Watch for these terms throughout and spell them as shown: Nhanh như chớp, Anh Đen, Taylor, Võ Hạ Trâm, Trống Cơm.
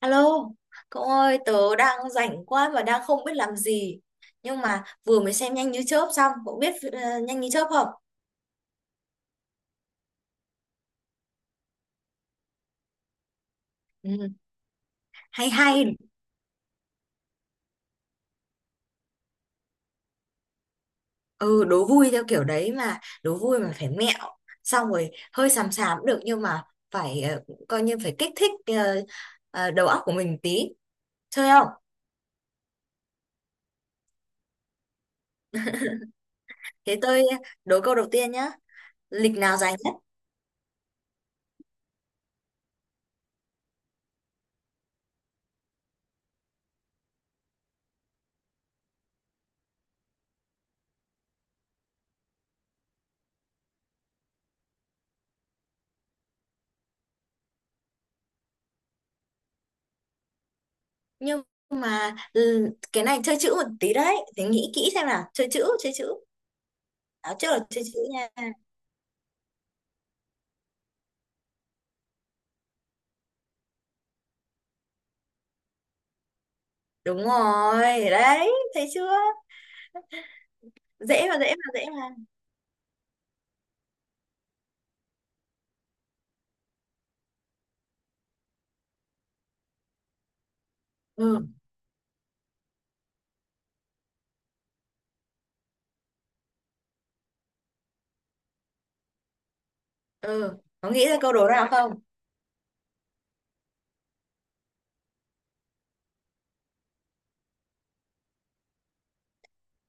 Alo, cậu ơi, tớ đang rảnh quá mà đang không biết làm gì. Nhưng mà vừa mới xem Nhanh như chớp xong, cậu biết Nhanh như chớp không? Ừ, hay hay, ừ, đố vui theo kiểu đấy mà, đố vui mà phải mẹo. Xong rồi hơi xàm xàm cũng được nhưng mà phải coi như phải kích thích đầu óc của mình tí. Chơi không? Thế tôi đố câu đầu tiên nhá. Lịch nào dài nhất? Nhưng mà cái này chơi chữ một tí đấy. Thì nghĩ kỹ xem nào. Chơi chữ, chơi chữ. Đó, trước là chơi chữ nha. Đúng rồi đấy, thấy chưa? Dễ mà, dễ mà, dễ mà. Ừ, ừ, có nghĩ ra câu đố nào không?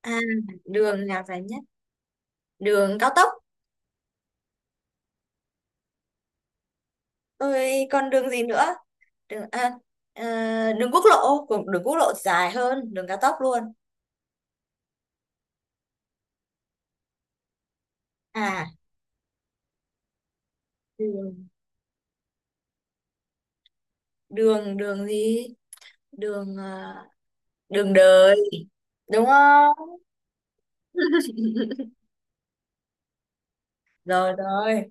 À, đường nào dài nhất? Đường cao tốc? Rồi còn đường gì nữa? Đường à, à, đường quốc lộ của đường quốc lộ dài hơn đường cao tốc luôn. À, đường đường đường gì? Đường à, đường đời, đúng không? Rồi, rồi.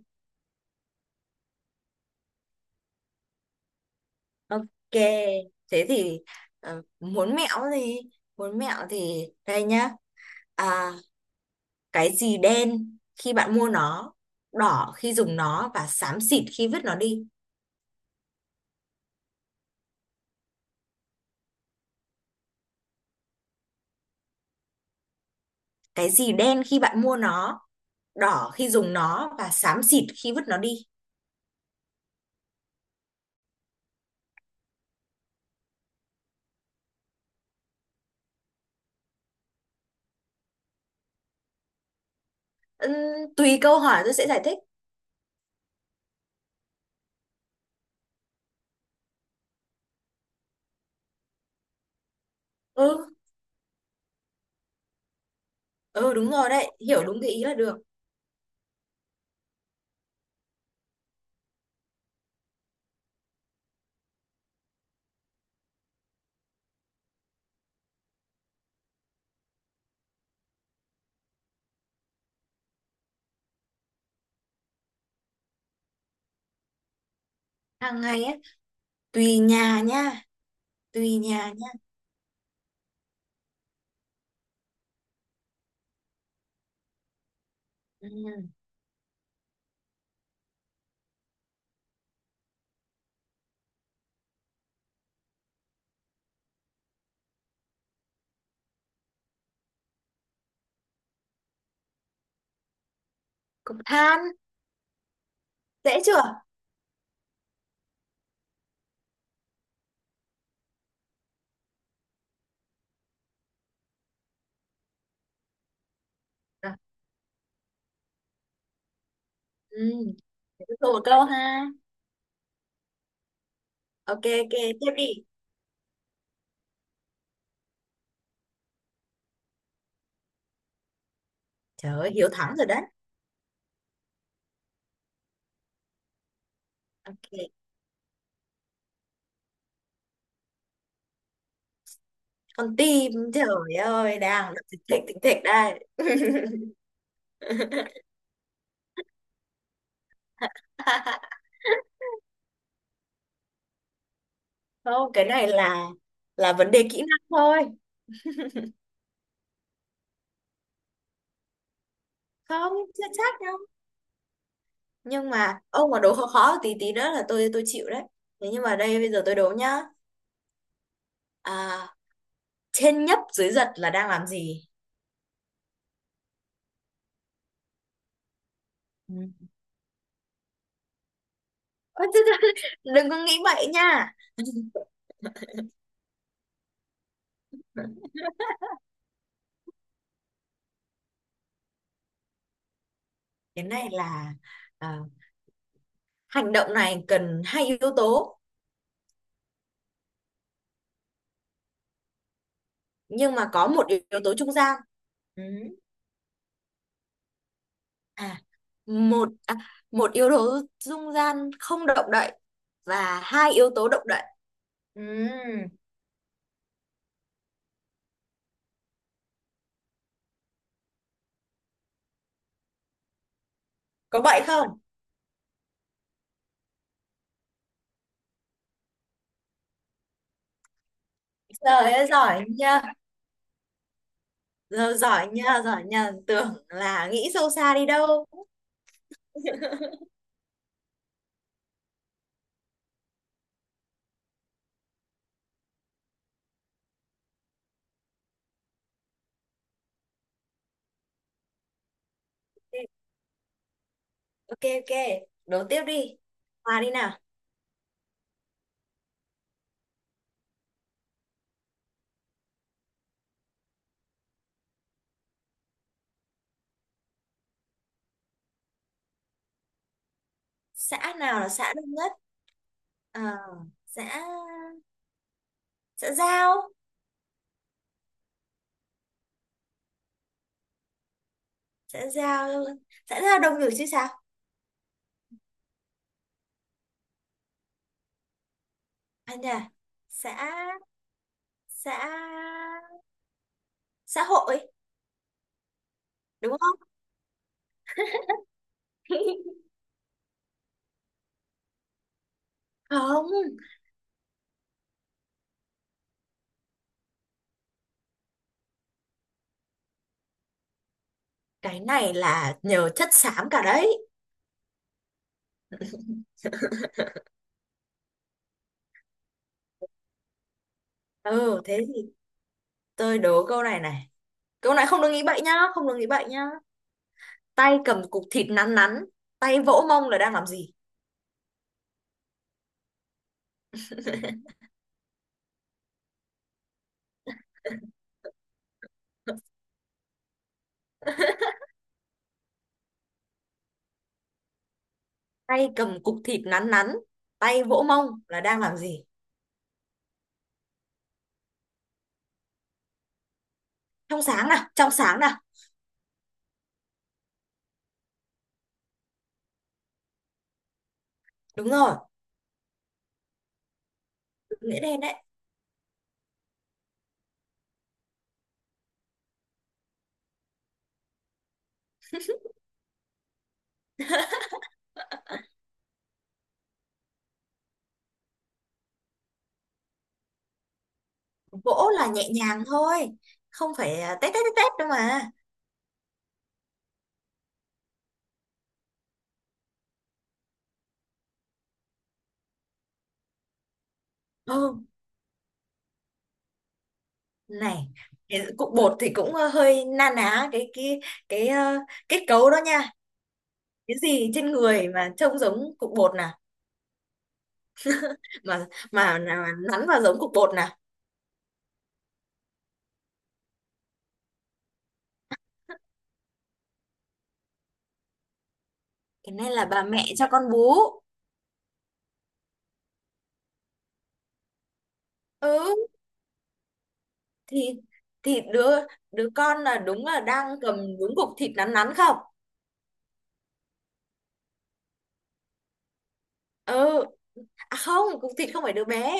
Ok, thế thì muốn mẹo gì? Muốn mẹo thì đây nhá. À, cái gì đen khi bạn mua nó, đỏ khi dùng nó và xám xịt khi vứt nó đi? Cái gì đen khi bạn mua nó, đỏ khi dùng nó và xám xịt khi vứt nó đi? Ừm, tùy câu hỏi tôi sẽ giải thích. Ừ, ừ, đúng rồi đấy, hiểu đúng cái ý là được. Hàng ngày ấy, tùy nhà nha, tùy nhà nha. Ừ. Cục than. Dễ chưa? Rồi. Ừ. Thế tôi một câu ha. Ok, ok, tiếp đi. Trời ơi, Hiếu thắng rồi đấy. Ok. Con tim, trời ơi, đang thịt thịt thịt thịt đây. Không, cái này là vấn đề kỹ năng thôi. Không, chưa chắc đâu. Nhưng mà ông mà đố khó khó tí tí nữa là tôi chịu đấy. Thế nhưng mà đây bây giờ tôi đố nhá. À, trên nhấp dưới giật là đang làm gì? Ừ. Ôi, đừng có nghĩ bậy nha. Cái này là à, hành động này cần hai yếu tố. Nhưng mà có một yếu tố trung gian. Ừ. à à, một yếu tố dung gian không động đậy và hai yếu tố động đậy. Ừm, có vậy không? Trời ơi, giỏi nha. Giờ giỏi nha, giỏi nha, tưởng là nghĩ sâu xa đi đâu. Ok, ok, đố tiếp đi. Hòa đi nào. Xã nào là xã đông nhất? Ờ, xã xã giao. Xã giao, xã giao đông người chứ sao. Anh à nhà. Xã xã xã hội, đúng không? Không. Cái này là nhờ chất xám cả đấy. Ừ, thế thì tôi đố câu này này. Câu này không được nghĩ bậy nhá, không được nghĩ bậy nhá. Tay cầm cục thịt nắn nắn, tay vỗ mông là đang làm gì? Tay cầm cục thịt nắn nắn, tay vỗ mông là đang làm gì? Trong sáng nào, trong sáng nào. Đúng rồi, nghĩa đen đấy. Vỗ là nhẹ nhàng thôi, không phải à, tét tét tét tét đâu mà. Ừ, này, cái cục bột thì cũng hơi na ná cái kết cấu đó nha. Cái gì trên người mà trông giống cục bột nè? Mà nắn vào giống cục bột nè. Thế nên là bà mẹ cho con bú. Ừ. thì thì đứa đứa con là đúng đang cầm đúng cục thịt nắn nắn không? Ừ. À, không, cục thịt không phải đứa bé.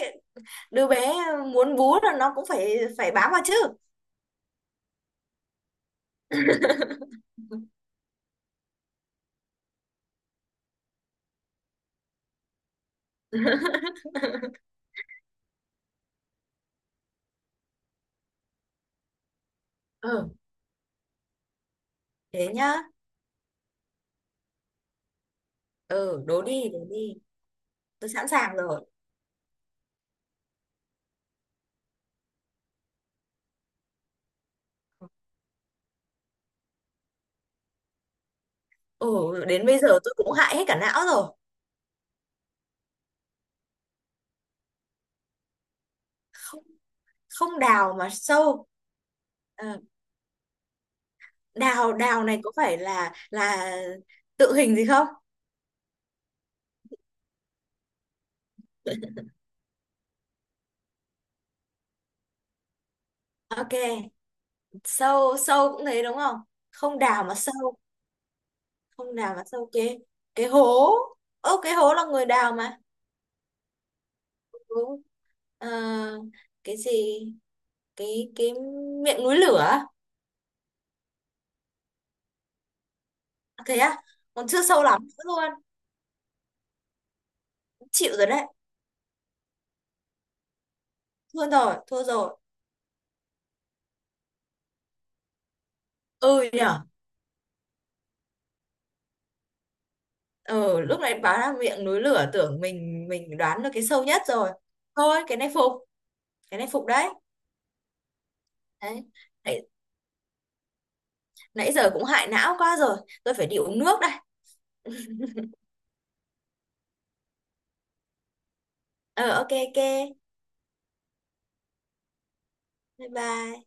Đứa bé muốn bú là nó cũng phải phải bám vào chứ. Ừ, thế nhá. Ừ, đố đi, đố đi. Tôi sẵn sàng rồi. Ừ, đến bây giờ tôi cũng hại hết cả não rồi. Không, không đào mà sâu. Ờ, đào đào này có phải là tự hình gì không? Ok, sâu sâu cũng thế đúng không? Không đào mà sâu, không đào mà sâu cái hố. Ơ, cái hố là người đào mà. Đúng. Ờ, cái gì? Cái miệng núi lửa. À, thế á? Còn chưa sâu lắm nữa luôn. Chịu rồi đấy. Thua rồi, thua rồi. Ừ nhở. Ừ, lúc này báo là miệng núi lửa tưởng mình đoán được cái sâu nhất rồi. Thôi, cái này phục đấy. Đấy. Nãy giờ cũng hại não quá rồi. Tôi phải đi uống nước đây. Ờ, ok, ok. Bye bye.